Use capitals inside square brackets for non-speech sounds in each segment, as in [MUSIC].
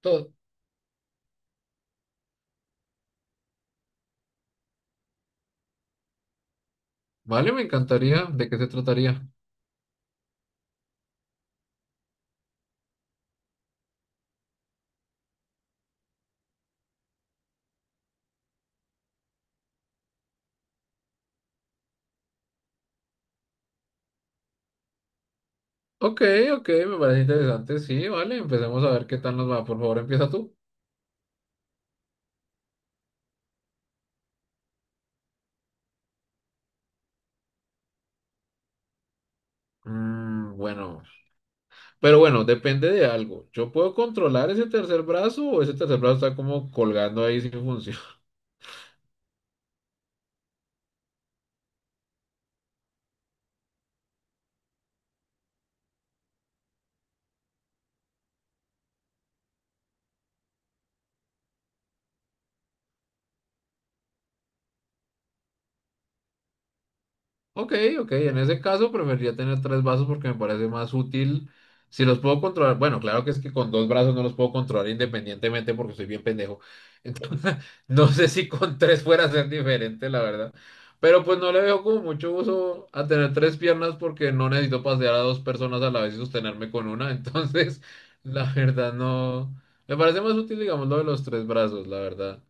Todo. Vale, me encantaría. ¿De qué se trataría? Ok, ok, me parece interesante. Sí, vale, empecemos a ver qué tal nos va. Por favor, empieza tú. Bueno, pero bueno, depende de algo. ¿Yo puedo controlar ese tercer brazo o ese tercer brazo está como colgando ahí sin función? [LAUGHS] Ok, ok, en ese caso preferiría tener tres brazos porque me parece más útil. Si los puedo controlar, bueno, claro que es que con dos brazos no los puedo controlar independientemente porque soy bien pendejo. [LAUGHS] No sé si con tres fuera a ser diferente, la verdad. Pero pues no le veo como mucho uso a tener tres piernas porque no necesito pasear a dos personas a la vez y sostenerme con una. [LAUGHS] Entonces, la verdad no. Me parece más útil, digamos, lo de los tres brazos, la verdad.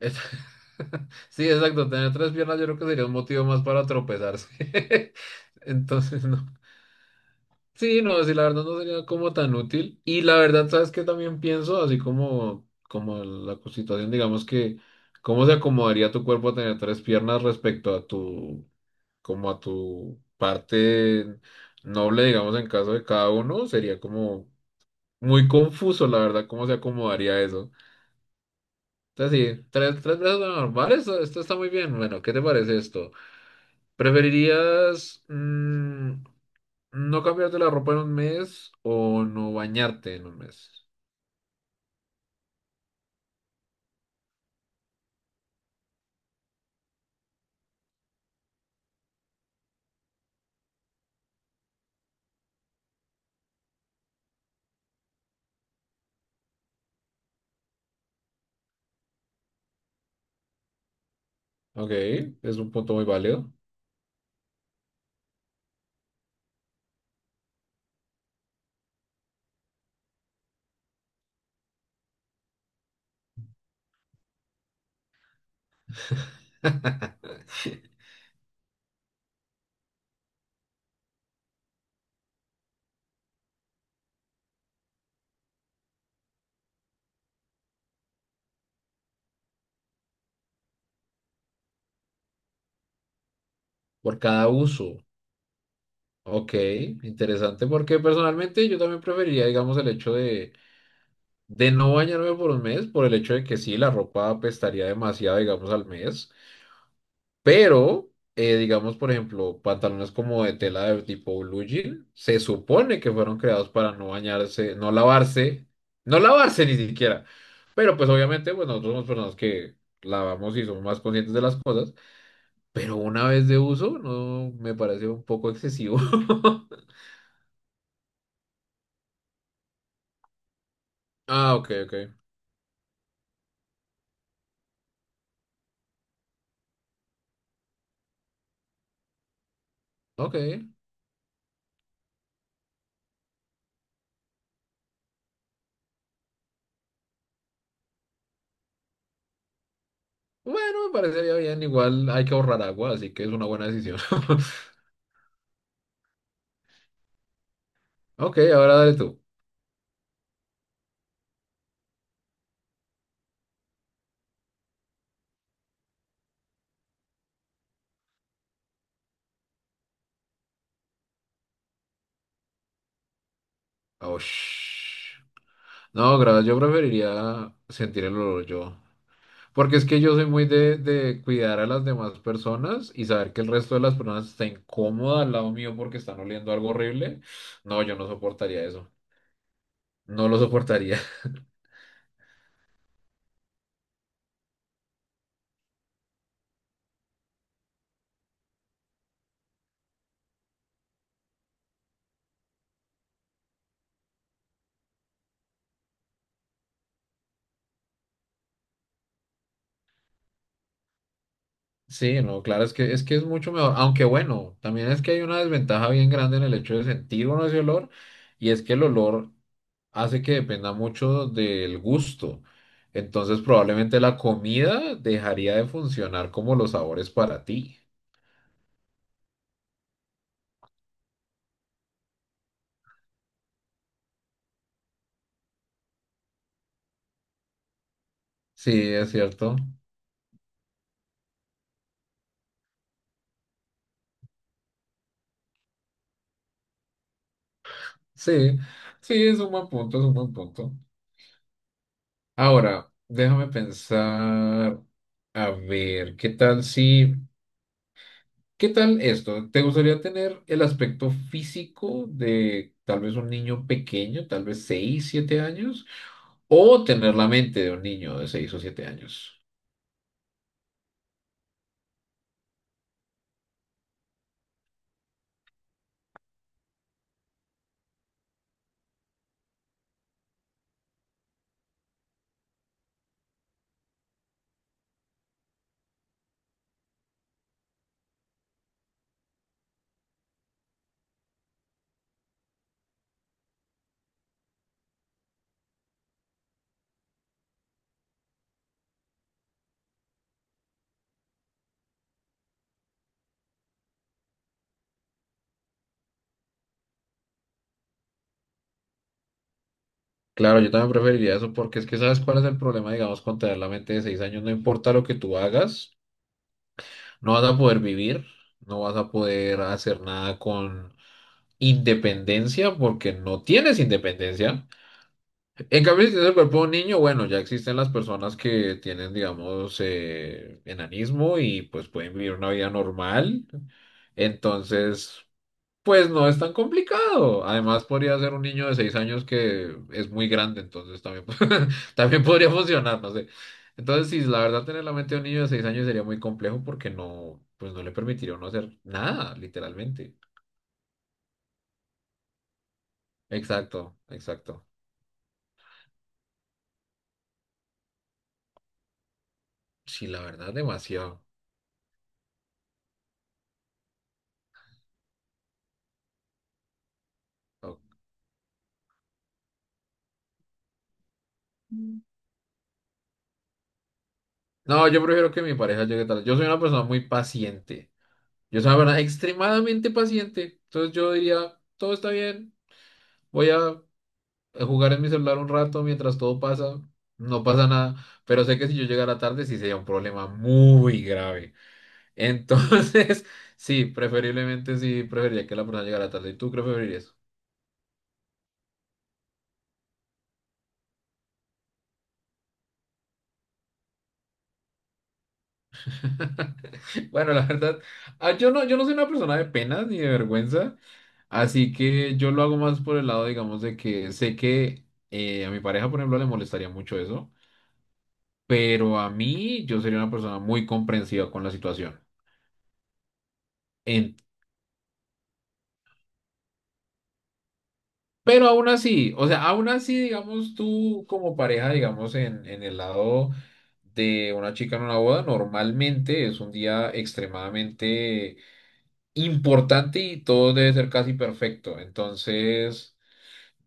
Es- [LAUGHS] Sí, exacto. Tener tres piernas yo creo que sería un motivo más para tropezarse. [LAUGHS] Entonces, no. Sí, no, sí, la verdad no sería como tan útil. Y la verdad, ¿sabes qué también pienso? Así como la situación, digamos que, ¿cómo se acomodaría tu cuerpo a tener tres piernas respecto a tu, como a tu parte noble, digamos, en caso de cada uno? Sería como muy confuso, la verdad, cómo se acomodaría eso. Entonces, sí, tres brazos normales, esto está muy bien. Bueno, ¿qué te parece esto? ¿Preferirías, no cambiarte la ropa en un mes o no bañarte en un mes? Ok, es un punto muy válido. [LAUGHS] Por cada uso. Ok, interesante porque personalmente yo también preferiría, digamos, el hecho de no bañarme por un mes, por el hecho de que sí, la ropa apestaría demasiado, digamos, al mes. Pero, digamos, por ejemplo, pantalones como de tela de tipo blue jean, se supone que fueron creados para no bañarse, no lavarse, no lavarse ni siquiera. Pero pues obviamente, pues nosotros somos personas que lavamos y somos más conscientes de las cosas, pero una vez de uso, no, me parece un poco excesivo. [LAUGHS] Ah, ok, ok. Ok. Bueno, me parecería bien. Igual hay que ahorrar agua, así que es una buena decisión. [LAUGHS] Ok, ahora dale tú. Oh, no, gracias, yo preferiría sentir el olor yo. Porque es que yo soy muy de cuidar a las demás personas y saber que el resto de las personas está incómoda al lado mío porque están oliendo algo horrible. No, yo no soportaría eso. No lo soportaría. [LAUGHS] Sí, no, claro, es que es mucho mejor. Aunque bueno, también es que hay una desventaja bien grande en el hecho de sentir uno ese olor y es que el olor hace que dependa mucho del gusto. Entonces probablemente la comida dejaría de funcionar como los sabores para ti. Sí, es cierto. Sí, sí, es un buen punto, es un buen punto. Ahora, déjame pensar, a ver, ¿qué tal si, qué tal esto? ¿Te gustaría tener el aspecto físico de tal vez un niño pequeño, tal vez 6, 7 años, o tener la mente de un niño de 6 o 7 años? Claro, yo también preferiría eso porque es que sabes cuál es el problema, digamos, con tener la mente de 6 años, no importa lo que tú hagas. No vas a poder vivir, no vas a poder hacer nada con independencia porque no tienes independencia. En cambio, si tienes el cuerpo de un niño, bueno, ya existen las personas que tienen, digamos, enanismo y pues pueden vivir una vida normal. Entonces, pues no es tan complicado. Además, podría ser un niño de 6 años que es muy grande, entonces también, [LAUGHS] también podría funcionar, no sé. Entonces, sí, la verdad, tener la mente de un niño de 6 años sería muy complejo porque no, pues no le permitiría no hacer nada, literalmente. Exacto, exacto. Sí, la verdad, demasiado. Ok. Mm. No, yo prefiero que mi pareja llegue tarde. Yo soy una persona muy paciente. Yo soy una persona extremadamente paciente. Entonces yo diría, todo está bien. Voy a jugar en mi celular un rato mientras todo pasa, no pasa nada, pero sé que si yo llegara tarde sí sería un problema muy grave. Entonces, [LAUGHS] sí, preferiblemente sí, preferiría que la persona llegara tarde. ¿Y tú qué preferirías? [LAUGHS] Bueno, la verdad, yo no soy una persona de penas ni de vergüenza, así que yo lo hago más por el lado, digamos, de que sé que a mi pareja, por ejemplo, le molestaría mucho eso, pero a mí yo sería una persona muy comprensiva con la situación. Pero aún así, o sea, aún así, digamos, tú como pareja, digamos, en el lado de una chica en una boda, normalmente es un día extremadamente importante y todo debe ser casi perfecto. Entonces,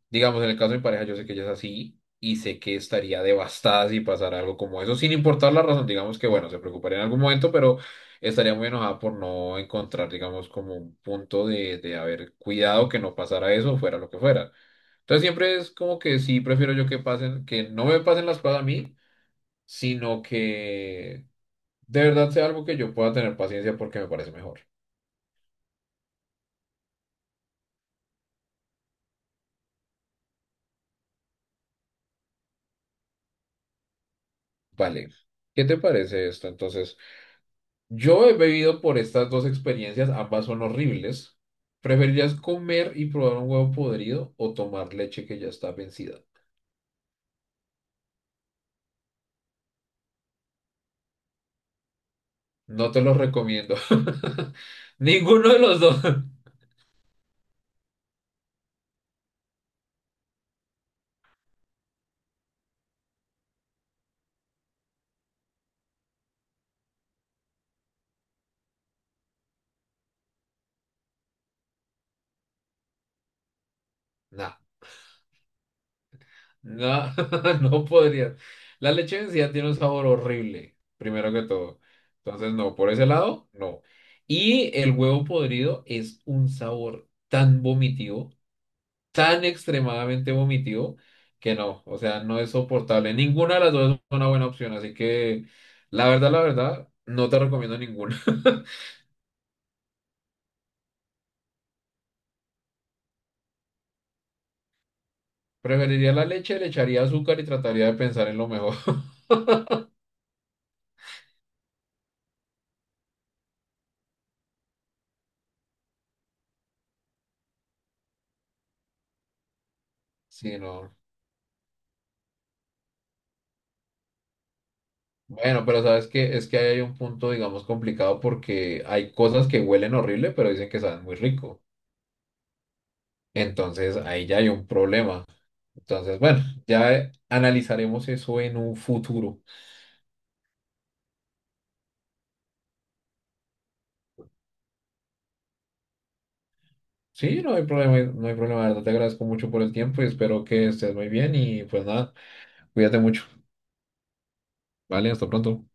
digamos, en el caso de mi pareja, yo sé que ella es así y sé que estaría devastada si pasara algo como eso, sin importar la razón, digamos que, bueno, se preocuparía en algún momento, pero estaría muy enojada por no encontrar, digamos, como un punto de haber cuidado que no pasara eso, fuera lo que fuera. Entonces siempre es como que sí prefiero yo que pasen, que no me pasen las cosas a mí, sino que de verdad sea algo que yo pueda tener paciencia porque me parece mejor. Vale, ¿qué te parece esto? Entonces, yo he bebido por estas dos experiencias, ambas son horribles. ¿Preferirías comer y probar un huevo podrido o tomar leche que ya está vencida? No te los recomiendo. [LAUGHS] Ninguno de los dos. [LAUGHS] Nah. No, [LAUGHS] no podría. La leche vencida tiene un sabor horrible, primero que todo. Entonces, no, por ese lado, no. Y el huevo podrido es un sabor tan vomitivo, tan extremadamente vomitivo, que no, o sea, no es soportable. Ninguna de las dos es una buena opción, así que la verdad, no te recomiendo ninguna. [LAUGHS] Preferiría la leche, le echaría azúcar y trataría de pensar en lo mejor. [LAUGHS] Sí, no. Bueno, pero sabes que es que ahí hay un punto, digamos, complicado porque hay cosas que huelen horrible, pero dicen que saben muy rico. Entonces ahí ya hay un problema. Entonces, bueno, ya analizaremos eso en un futuro. Sí, no hay problema, no hay problema, de verdad. Te agradezco mucho por el tiempo y espero que estés muy bien y pues nada, cuídate mucho. Vale, hasta pronto.